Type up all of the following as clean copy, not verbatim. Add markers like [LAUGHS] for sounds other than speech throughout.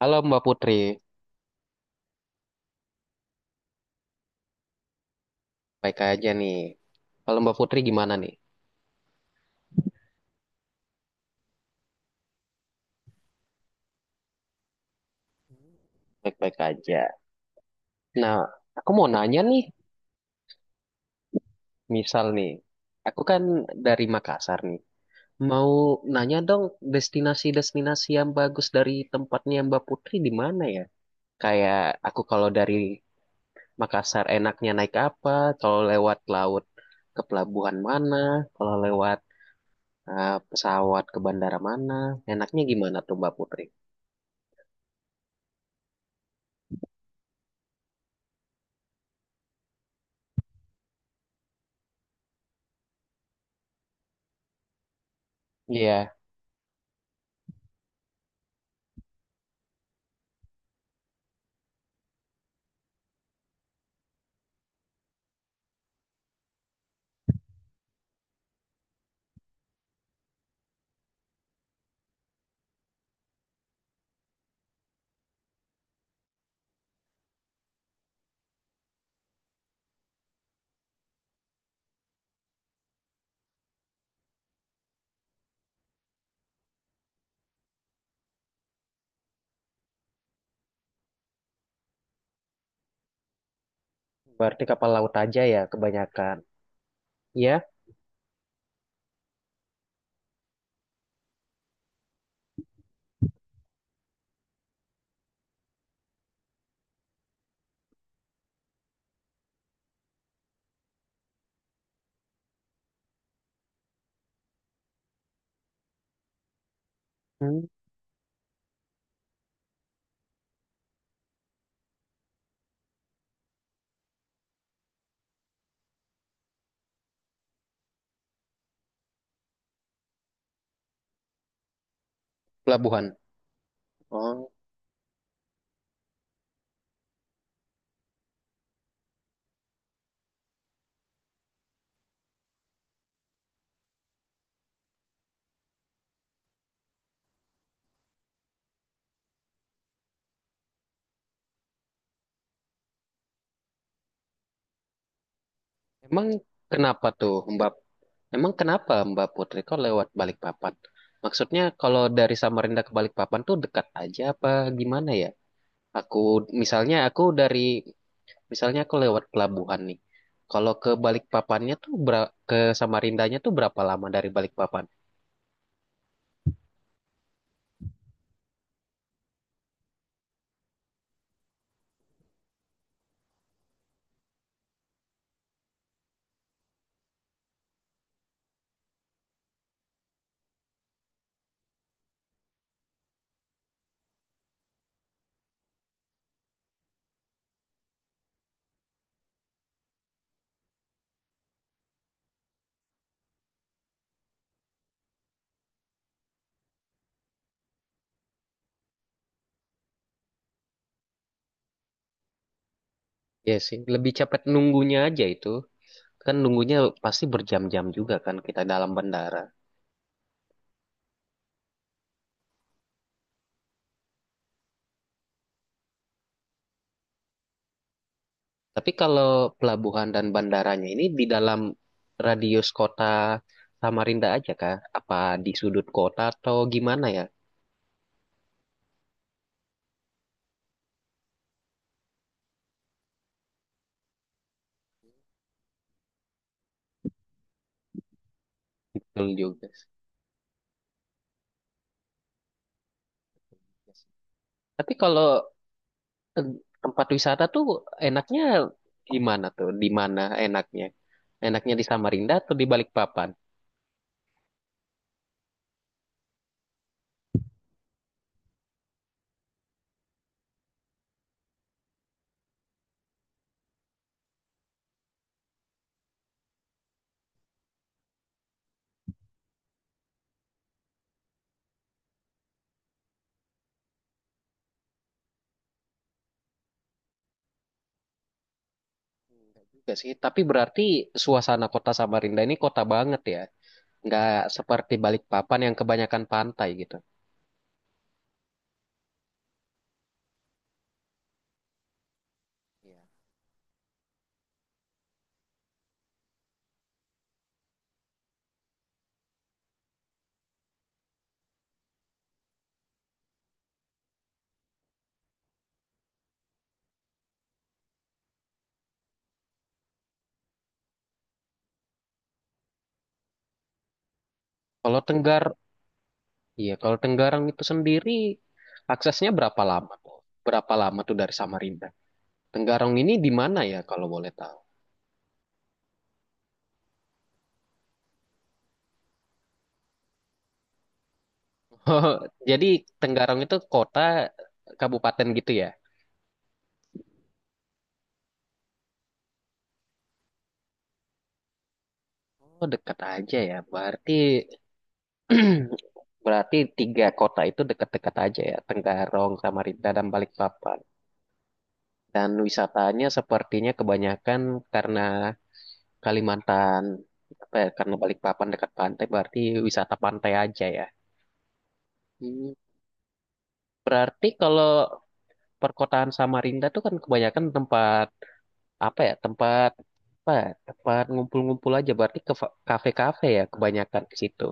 Halo Mbak Putri, baik aja nih. Kalau Mbak Putri gimana nih? Baik-baik aja. Nah, aku mau nanya nih, misal nih, aku kan dari Makassar nih. Mau nanya dong destinasi-destinasi yang bagus dari tempatnya Mbak Putri di mana ya? Kayak aku kalau dari Makassar enaknya naik apa? Kalau lewat laut ke pelabuhan mana? Kalau lewat pesawat ke bandara mana? Enaknya gimana tuh Mbak Putri? Iya, berarti kapal laut aja ya kebanyakan. Ya. Hmm. Pelabuhan. Oh. Emang kenapa tuh Mbak? Emang kenapa Mbak Putri kok lewat Balikpapan? Maksudnya kalau dari Samarinda ke Balikpapan tuh dekat aja apa gimana ya? Aku misalnya aku dari Misalnya aku lewat pelabuhan nih. Kalau ke Balikpapannya tuh ke Samarindanya tuh berapa lama dari Balikpapan? Ya sih, lebih cepet nunggunya aja itu. Kan nunggunya pasti berjam-jam juga kan kita dalam bandara. Tapi kalau pelabuhan dan bandaranya ini di dalam radius kota Samarinda aja kah? Apa di sudut kota atau gimana ya? Betul juga sih. Tapi kalau eh, tempat wisata tuh enaknya gimana tuh? Di mana enaknya? Enaknya di Samarinda atau di Balikpapan? Juga sih. Tapi berarti suasana kota Samarinda ini kota banget ya. Nggak seperti Balikpapan yang kebanyakan pantai gitu. Iya. Kalau Tenggar Iya, kalau Tenggarang itu sendiri aksesnya berapa lama tuh? Berapa lama tuh dari Samarinda? Tenggarong ini di mana ya kalau boleh tahu? [LAUGHS] Jadi Tenggarong itu kota kabupaten gitu ya? Oh, dekat aja ya. Berarti [CLEARS THROAT] berarti tiga kota itu dekat-dekat aja ya. Tenggarong, Samarinda, dan Balikpapan. Dan wisatanya sepertinya kebanyakan karena Kalimantan, apa ya, karena Balikpapan dekat pantai, berarti wisata pantai aja ya. Hmm. Berarti kalau perkotaan Samarinda tuh kan kebanyakan tempat apa ya? Tempat apa, ya? Tempat ngumpul-ngumpul aja. Berarti ke kafe-kafe ya kebanyakan ke situ.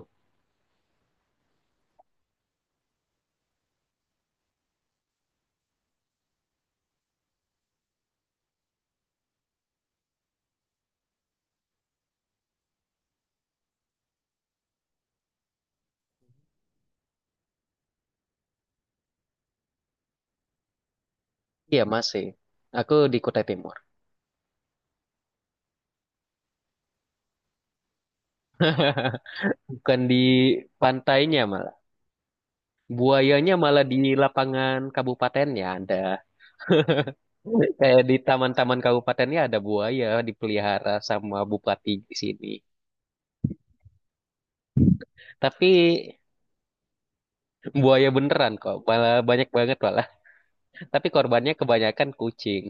Iya masih. Aku di Kutai Timur, bukan di pantainya malah. Buayanya malah di lapangan kabupatennya ada. Kayak di taman-taman kabupatennya ada buaya dipelihara sama bupati di sini. Tapi buaya beneran kok, malah banyak banget malah. Tapi korbannya kebanyakan kucing.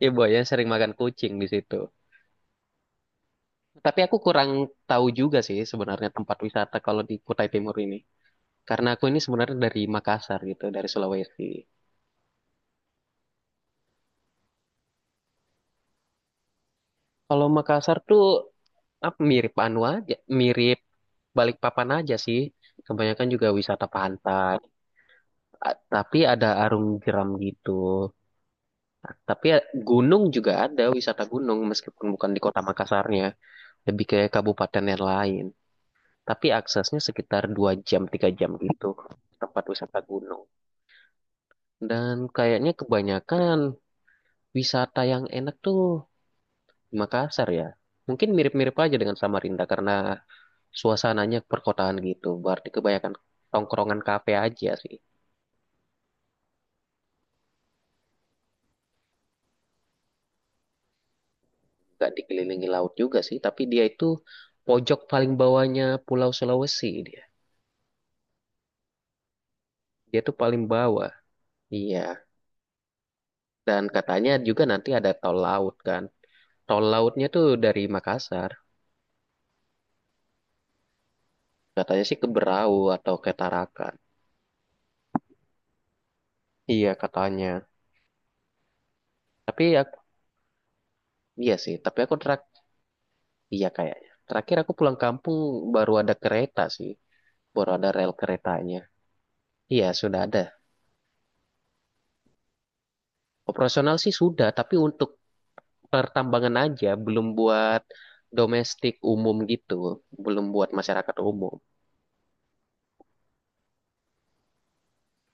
Iya, buaya sering makan kucing di situ. Tapi aku kurang tahu juga sih sebenarnya tempat wisata kalau di Kutai Timur ini. Karena aku ini sebenarnya dari Makassar gitu, dari Sulawesi. Kalau Makassar tuh apa, mirip anu aja, mirip Balikpapan aja sih. Kebanyakan juga wisata pantai, tapi ada arum jeram gitu. Tapi ya, gunung juga ada wisata gunung meskipun bukan di kota Makassarnya, lebih ke kabupaten yang lain. Tapi aksesnya sekitar 2 jam, 3 jam gitu ke tempat wisata gunung. Dan kayaknya kebanyakan wisata yang enak tuh di Makassar ya. Mungkin mirip-mirip aja dengan Samarinda karena suasananya perkotaan gitu. Berarti kebanyakan tongkrongan kafe aja sih. Gak dikelilingi laut juga sih, tapi dia itu pojok paling bawahnya Pulau Sulawesi dia. Dia tuh paling bawah. Iya. Dan katanya juga nanti ada tol laut kan. Tol lautnya tuh dari Makassar. Katanya sih ke Berau atau ke Tarakan. Iya katanya. Tapi ya, iya sih. Tapi iya kayaknya. Terakhir aku pulang kampung baru ada kereta sih. Baru ada rel keretanya. Iya, sudah ada. Operasional sih sudah, tapi untuk pertambangan aja, belum buat domestik umum gitu. Belum buat masyarakat umum.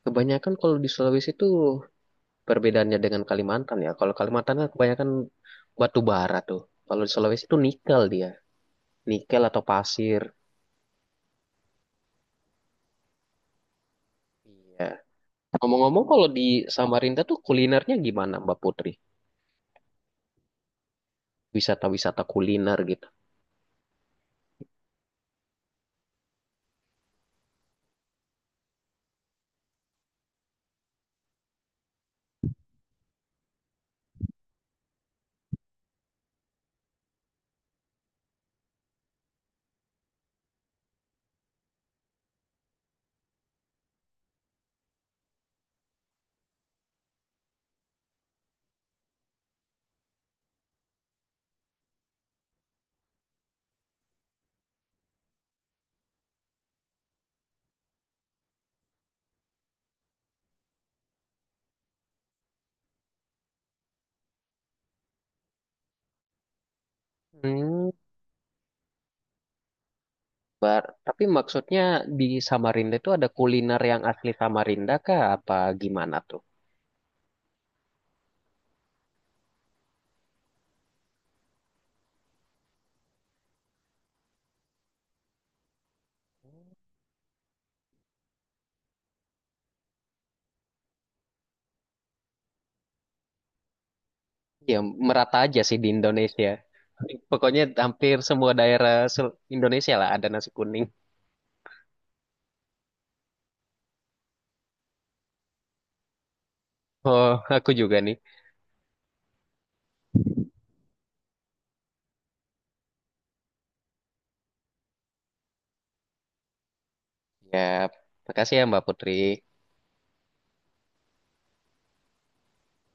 Kebanyakan kalau di Sulawesi itu perbedaannya dengan Kalimantan ya. Kalau Kalimantan kan kebanyakan batu bara tuh. Kalau di Sulawesi itu nikel dia. Nikel atau pasir. Iya. Ngomong-ngomong, kalau di Samarinda tuh kulinernya gimana, Mbak Putri? Wisata-wisata kuliner gitu. Hmm, Tapi maksudnya di Samarinda itu ada kuliner yang asli Samarinda kah? Apa gimana tuh? Ya, merata aja sih di Indonesia. [LAUGHS] Pokoknya hampir semua daerah Indonesia lah ada nasi kuning. Oh, aku juga nih. Ya, makasih ya Mbak Putri.